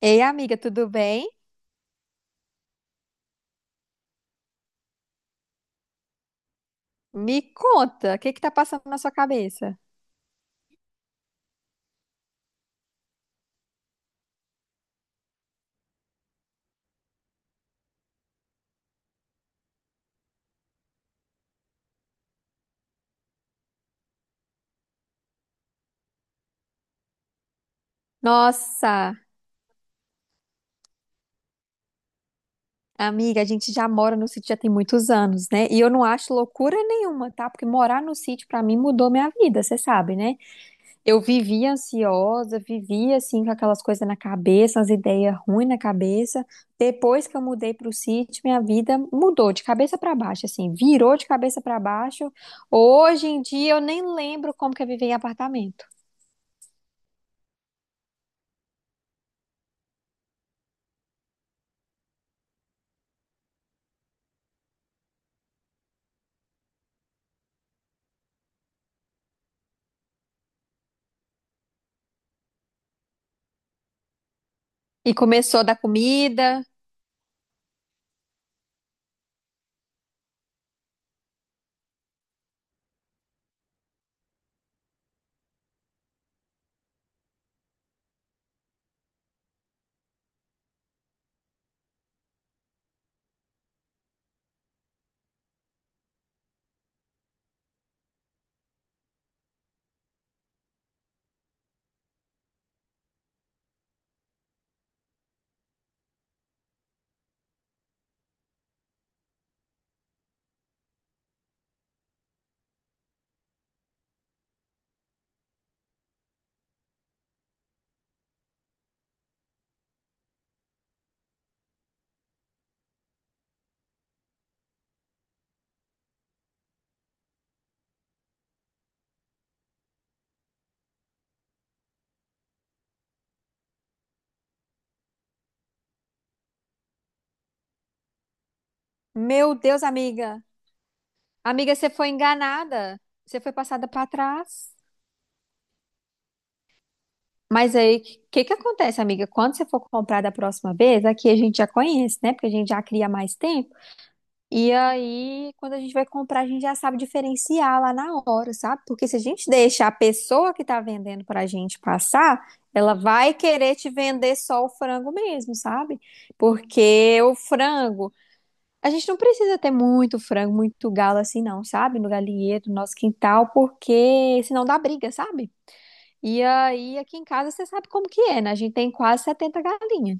Ei, amiga, tudo bem? Me conta, o que que tá passando na sua cabeça? Nossa, amiga, a gente já mora no sítio já tem muitos anos, né? E eu não acho loucura nenhuma, tá? Porque morar no sítio pra mim mudou minha vida, você sabe, né? Eu vivia ansiosa, vivia assim com aquelas coisas na cabeça, as ideias ruins na cabeça. Depois que eu mudei pro sítio, minha vida mudou de cabeça pra baixo, assim, virou de cabeça pra baixo. Hoje em dia eu nem lembro como que eu vivi em apartamento. E começou da comida. Meu Deus, amiga. Amiga, você foi enganada. Você foi passada para trás. Mas aí, o que que acontece, amiga? Quando você for comprar da próxima vez, aqui a gente já conhece, né? Porque a gente já cria há mais tempo. E aí, quando a gente vai comprar, a gente já sabe diferenciar lá na hora, sabe? Porque se a gente deixa a pessoa que tá vendendo pra gente passar, ela vai querer te vender só o frango mesmo, sabe? Porque o frango. A gente não precisa ter muito frango, muito galo assim, não, sabe? No galinheiro, no nosso quintal, porque senão dá briga, sabe? E aí, aqui em casa, você sabe como que é, né? A gente tem quase 70 galinhas.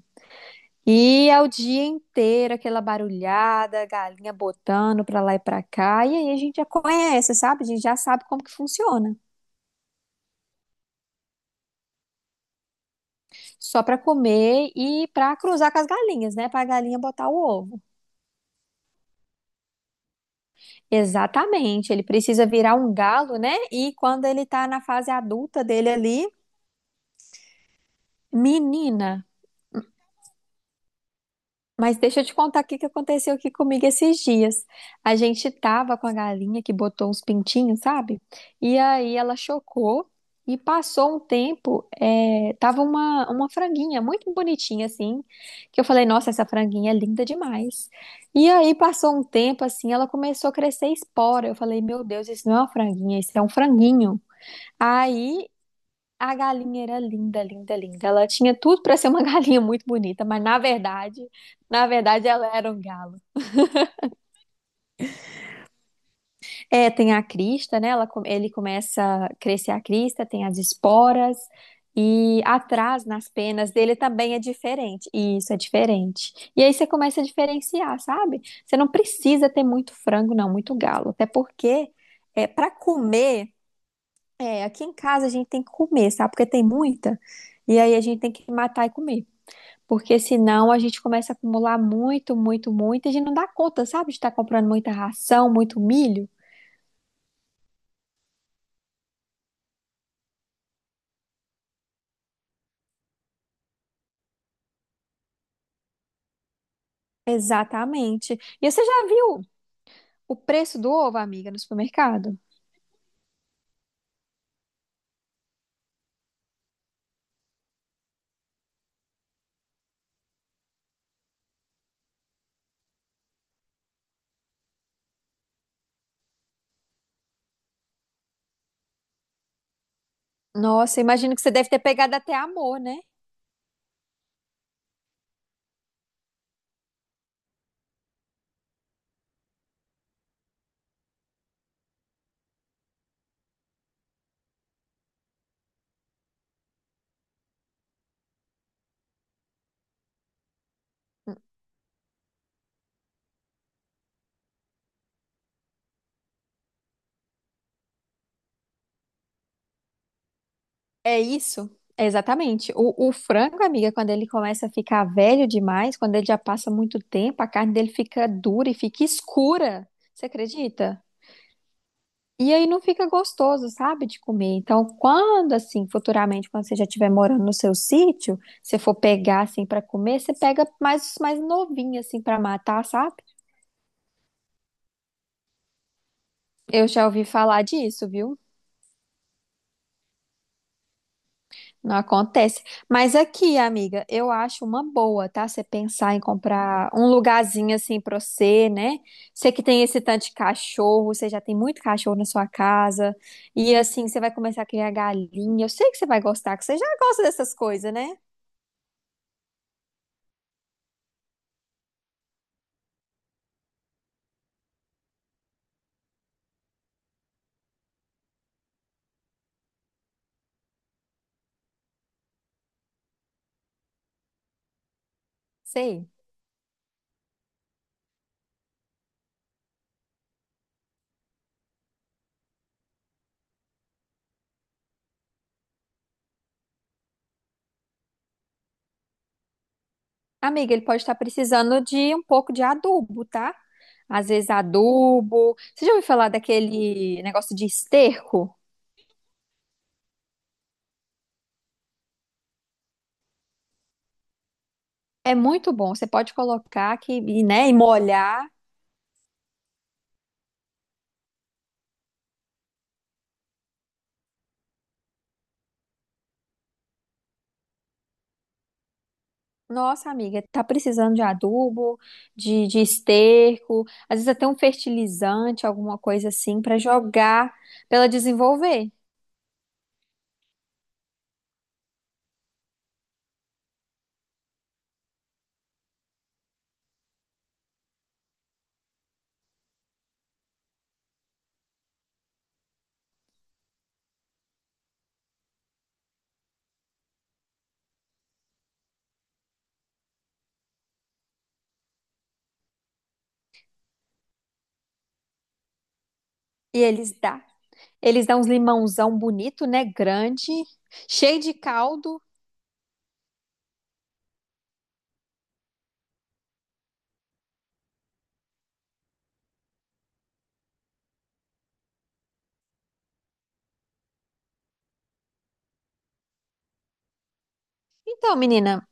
E é o dia inteiro aquela barulhada, galinha botando pra lá e pra cá. E aí a gente já conhece, sabe? A gente já sabe como que funciona. Só pra comer e pra cruzar com as galinhas, né? Pra galinha botar o ovo. Exatamente. Ele precisa virar um galo, né? E quando ele tá na fase adulta dele ali. Menina, mas deixa eu te contar o que que aconteceu aqui comigo esses dias. A gente tava com a galinha que botou uns pintinhos, sabe? E aí ela chocou e passou um tempo, é, tava uma franguinha muito bonitinha assim, que eu falei, nossa, essa franguinha é linda demais. E aí passou um tempo assim, ela começou a crescer espora. Eu falei, meu Deus, isso não é uma franguinha, isso é um franguinho. Aí a galinha era linda, linda, linda. Ela tinha tudo para ser uma galinha muito bonita, mas na verdade ela era um galo. É, tem a crista, né? Ela, ele começa a crescer a crista, tem as esporas e atrás nas penas dele também é diferente. Isso é diferente. E aí você começa a diferenciar, sabe? Você não precisa ter muito frango, não, muito galo, até porque é para comer, é, aqui em casa a gente tem que comer, sabe? Porque tem muita. E aí a gente tem que matar e comer. Porque senão a gente começa a acumular muito, muito, muito, e a gente não dá conta, sabe? De estar comprando muita ração, muito milho. Exatamente. E você já viu o preço do ovo, amiga, no supermercado? Nossa, imagino que você deve ter pegado até amor, né? É isso. É, exatamente. O frango, amiga, quando ele começa a ficar velho demais, quando ele já passa muito tempo, a carne dele fica dura e fica escura. Você acredita? E aí não fica gostoso, sabe, de comer. Então, quando assim, futuramente, quando você já estiver morando no seu sítio, você for pegar assim para comer, você pega mais novinho assim para matar, sabe? Eu já ouvi falar disso, viu? Não acontece. Mas aqui, amiga, eu acho uma boa, tá? Você pensar em comprar um lugarzinho assim pra você, né? Você que tem esse tanto de cachorro, você já tem muito cachorro na sua casa. E assim, você vai começar a criar galinha. Eu sei que você vai gostar, que você já gosta dessas coisas, né? Sei. Amiga, ele pode estar precisando de um pouco de adubo, tá? Às vezes adubo. Você já ouviu falar daquele negócio de esterco? É muito bom. Você pode colocar aqui, e, né, e molhar. Nossa, amiga, tá precisando de adubo, de esterco, às vezes até um fertilizante, alguma coisa assim, para jogar, para ela desenvolver. E eles dá. Eles dão uns limãozão bonito, né? Grande, cheio de caldo. Então, menina.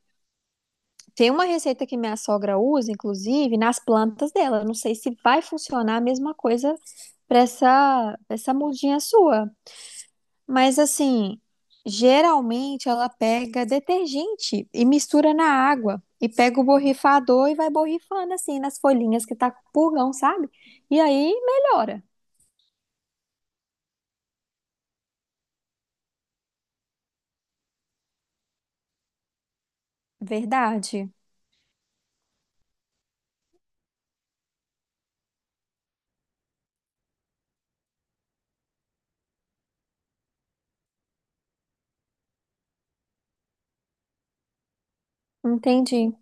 Tem uma receita que minha sogra usa, inclusive, nas plantas dela. Eu não sei se vai funcionar a mesma coisa para pra essa mudinha sua. Mas, assim, geralmente ela pega detergente e mistura na água. E pega o borrifador e vai borrifando, assim, nas folhinhas que tá com purgão, sabe? E aí melhora. Verdade. Entendi.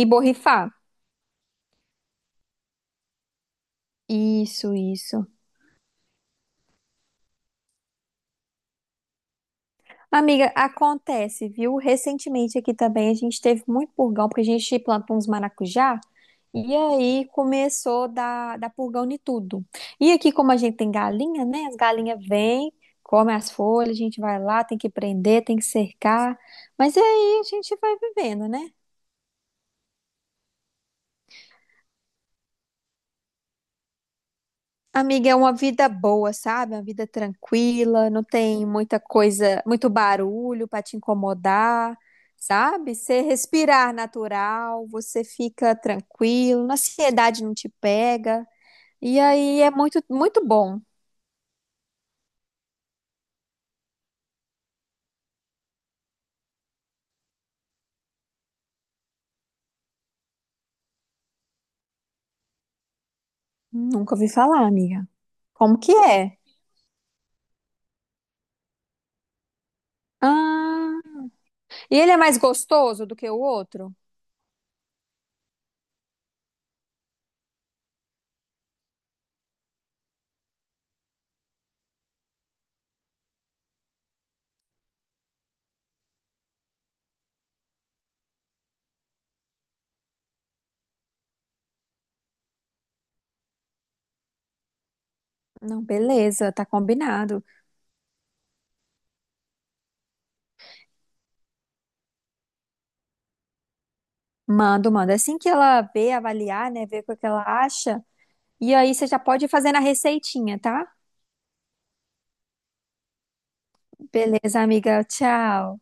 E borrifar. Isso, isso. Amiga, acontece, viu? Recentemente aqui também a gente teve muito purgão, porque a gente plantou uns maracujá e aí começou a dar purgão em tudo. E aqui, como a gente tem galinha, né? As galinhas vêm, comem as folhas, a gente vai lá, tem que prender, tem que cercar. Mas aí a gente vai vivendo, né? Amiga, é uma vida boa, sabe? Uma vida tranquila, não tem muita coisa, muito barulho para te incomodar, sabe? Você respirar natural, você fica tranquilo, a ansiedade não te pega. E aí é muito, muito bom. Nunca ouvi falar, amiga. Como que é? Ah, e ele é mais gostoso do que o outro? Não, beleza, tá combinado. Mando, manda. É, assim que ela ver, avaliar, né? Ver o que ela acha. E aí você já pode fazer na receitinha, tá? Beleza, amiga. Tchau.